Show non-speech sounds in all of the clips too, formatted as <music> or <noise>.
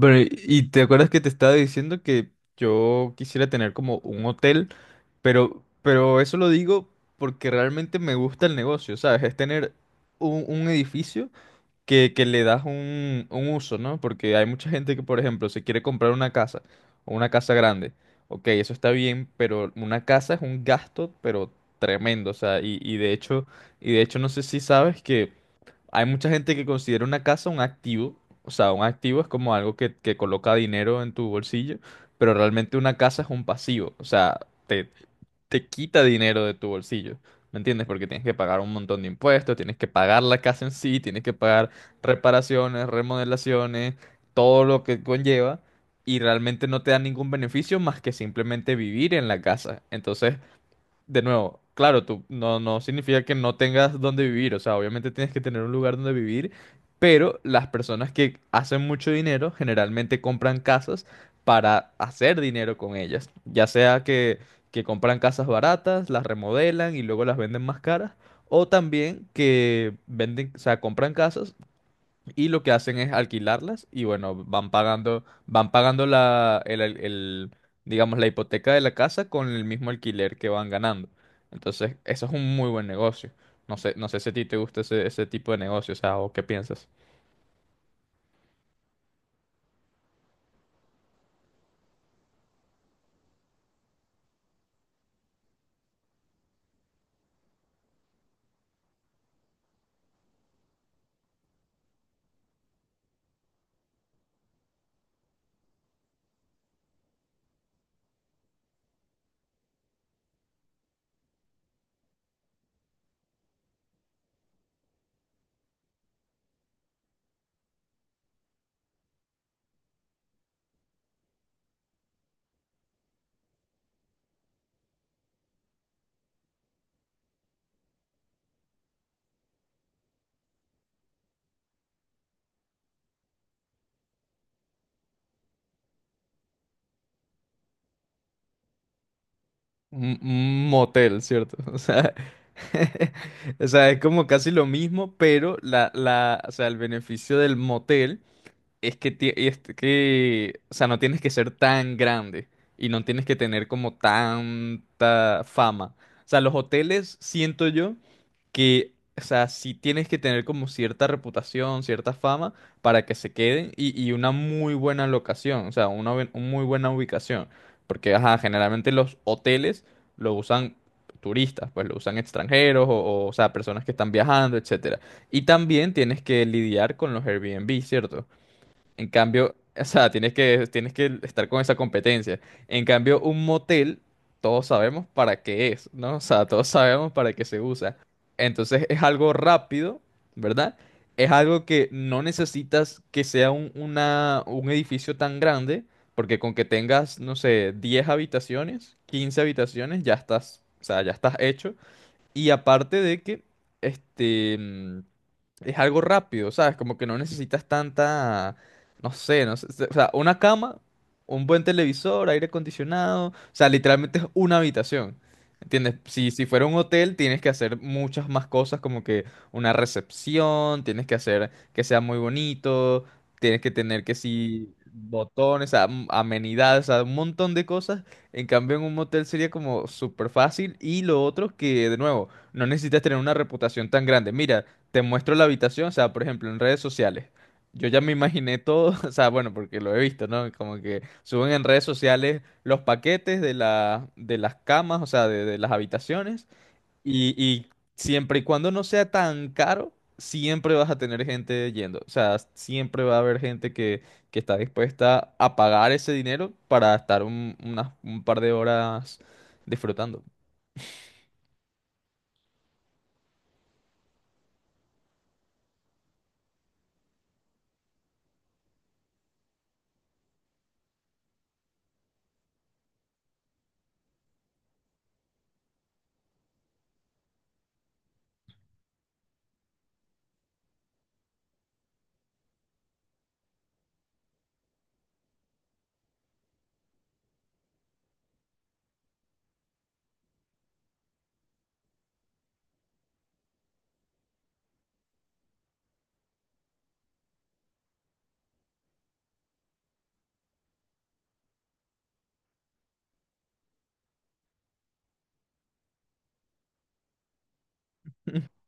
Pero, y te acuerdas que te estaba diciendo que yo quisiera tener como un hotel, pero eso lo digo porque realmente me gusta el negocio, ¿sabes? Es tener un edificio que le das un uso, ¿no? Porque hay mucha gente que, por ejemplo, se quiere comprar una casa o una casa grande. Ok, eso está bien, pero una casa es un gasto, pero tremendo, o sea, y de hecho no sé si sabes que hay mucha gente que considera una casa un activo. O sea, un activo es como algo que coloca dinero en tu bolsillo, pero realmente una casa es un pasivo. O sea, te, te quita dinero de tu bolsillo. ¿Me entiendes? Porque tienes que pagar un montón de impuestos, tienes que pagar la casa en sí, tienes que pagar reparaciones, remodelaciones, todo lo que conlleva. Y realmente no te da ningún beneficio más que simplemente vivir en la casa. Entonces, de nuevo, claro, tú no significa que no tengas dónde vivir, o sea, obviamente tienes que tener un lugar donde vivir, pero las personas que hacen mucho dinero generalmente compran casas para hacer dinero con ellas, ya sea que compran casas baratas, las remodelan y luego las venden más caras, o también que venden, o sea, compran casas y lo que hacen es alquilarlas y bueno, van pagando la, el, al- el, digamos, la hipoteca de la casa con el mismo alquiler que van ganando. Entonces, eso es un muy buen negocio. No sé si a ti te gusta ese tipo de negocio, o sea, o qué piensas. Un motel, ¿cierto? <laughs> O sea, <laughs> o sea, es como casi lo mismo, pero o sea, el beneficio del motel es que, o sea, no tienes que ser tan grande y no tienes que tener como tanta fama. O sea, los hoteles, siento yo, que, o sea, sí tienes que tener como cierta reputación, cierta fama para que se queden y una muy buena locación, o sea, una, una muy buena ubicación. Porque, ajá, generalmente los hoteles lo usan turistas, pues lo usan extranjeros o sea, personas que están viajando, etcétera. Y también tienes que lidiar con los Airbnb, ¿cierto? En cambio, <laughs> o sea, tienes que estar con esa competencia. En cambio, un motel, todos sabemos para qué es, ¿no? O sea, todos sabemos para qué se usa. Entonces es algo rápido, ¿verdad? Es algo que no necesitas que sea un edificio tan grande, porque con que tengas, no sé, 10 habitaciones, 15 habitaciones, ya estás, o sea, ya estás hecho. Y aparte de que, este, mm, es algo rápido, ¿sabes? Como que no necesitas tanta, no sé, o sea, una cama, un buen televisor, aire acondicionado, o sea, literalmente es una habitación. ¿Entiendes? Si fuera un hotel, tienes que hacer muchas más cosas, como que una recepción, tienes que hacer que sea muy bonito, tienes que tener que sí, botones, amenidades, o sea, un montón de cosas. En cambio, en un motel sería como súper fácil. Y lo otro que, de nuevo, no necesitas tener una reputación tan grande. Mira, te muestro la habitación, o sea, por ejemplo, en redes sociales. Yo ya me imaginé todo, <laughs> o sea, bueno, porque lo he visto, ¿no? Como que suben en redes sociales los paquetes de la, de las camas, o sea, de las habitaciones. Y siempre y cuando no sea tan caro, siempre vas a tener gente yendo. O sea, siempre va a haber gente que está dispuesta a pagar ese dinero para estar un par de horas disfrutando. <laughs>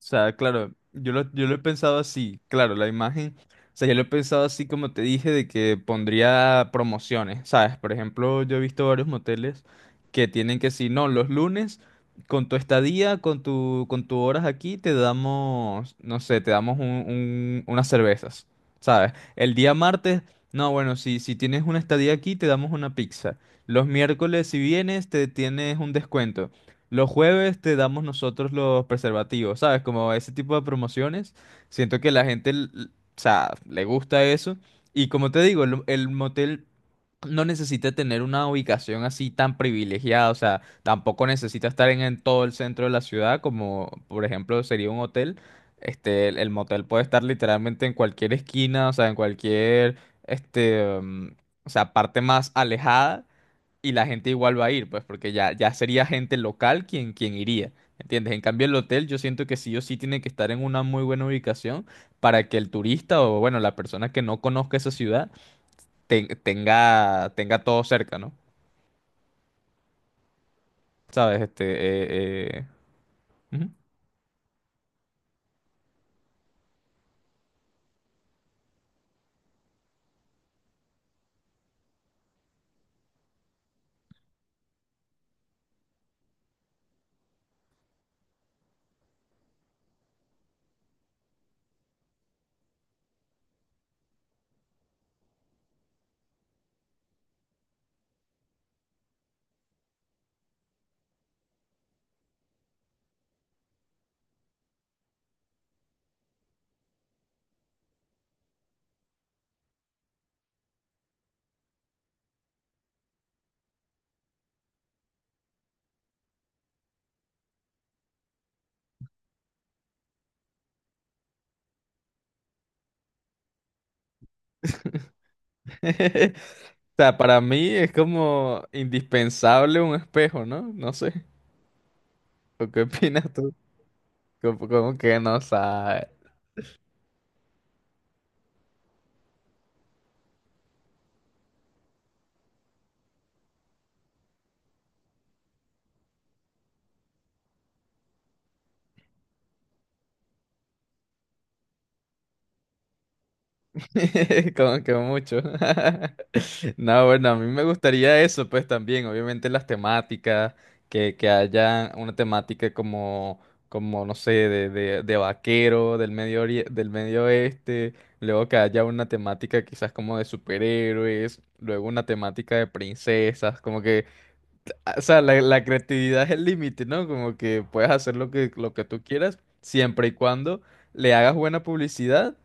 O sea, claro, yo lo he pensado así, claro, la imagen, o sea, yo lo he pensado así como te dije, de que pondría promociones, ¿sabes? Por ejemplo, yo he visto varios moteles que tienen que si no, los lunes, con tu estadía, con tu, con tus horas aquí, te damos, no sé, te damos unas cervezas, ¿sabes? El día martes, no, bueno, si tienes una estadía aquí, te damos una pizza. Los miércoles, si vienes, te tienes un descuento. Los jueves te damos nosotros los preservativos, ¿sabes? Como ese tipo de promociones. Siento que la gente, o sea, le gusta eso. Y como te digo, el motel no necesita tener una ubicación así tan privilegiada, o sea, tampoco necesita estar en todo el centro de la ciudad, como por ejemplo sería un hotel. Este, el motel puede estar literalmente en cualquier esquina, o sea, en cualquier, este, mm, o sea, parte más alejada y la gente igual va a ir, pues, porque ya sería gente local quien, quien iría, ¿entiendes? En cambio, el hotel yo siento que sí o sí tiene que estar en una muy buena ubicación para que el turista o, bueno, la persona que no conozca esa ciudad tenga todo cerca, ¿no? ¿Sabes? Ujú. <laughs> O sea, para mí es como indispensable un espejo, ¿no? No sé. ¿O qué opinas tú? Como, como que no sabes. <laughs> Como que mucho. <laughs> No, bueno, a mí me gustaría eso, pues también, obviamente las temáticas, que haya una temática como, como no sé, de vaquero del Medio Oeste, luego que haya una temática quizás como de superhéroes, luego una temática de princesas, como que, o sea, la creatividad es el límite, ¿no? Como que puedes hacer lo que tú quieras, siempre y cuando le hagas buena publicidad.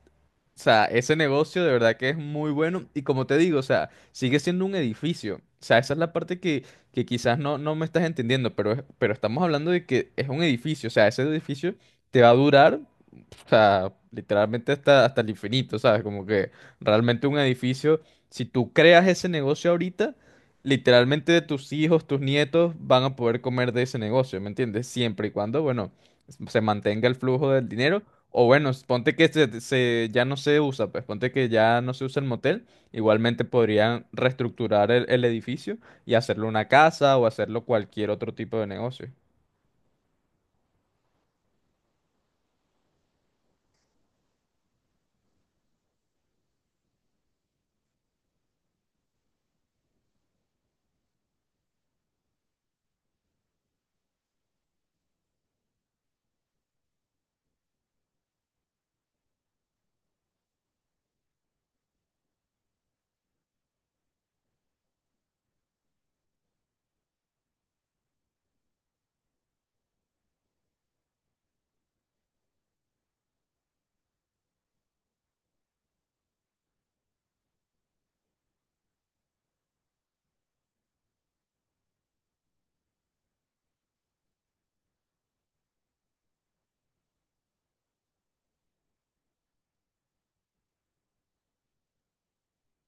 O sea, ese negocio de verdad que es muy bueno y como te digo, o sea, sigue siendo un edificio. O sea, esa es la parte que quizás no me estás entendiendo, pero, es- pero estamos hablando de que es un edificio. O sea, ese edificio te va a durar, o sea, literalmente hasta el infinito, ¿sabes? Como que realmente un edificio, si tú creas ese negocio ahorita, literalmente tus hijos, tus nietos van a poder comer de ese negocio, ¿me entiendes? Siempre y cuando, bueno, se mantenga el flujo del dinero o bueno, ponte que ya no se usa, pues ponte que ya no se usa el motel, igualmente podrían reestructurar el edificio y hacerlo una casa o hacerlo cualquier otro tipo de negocio.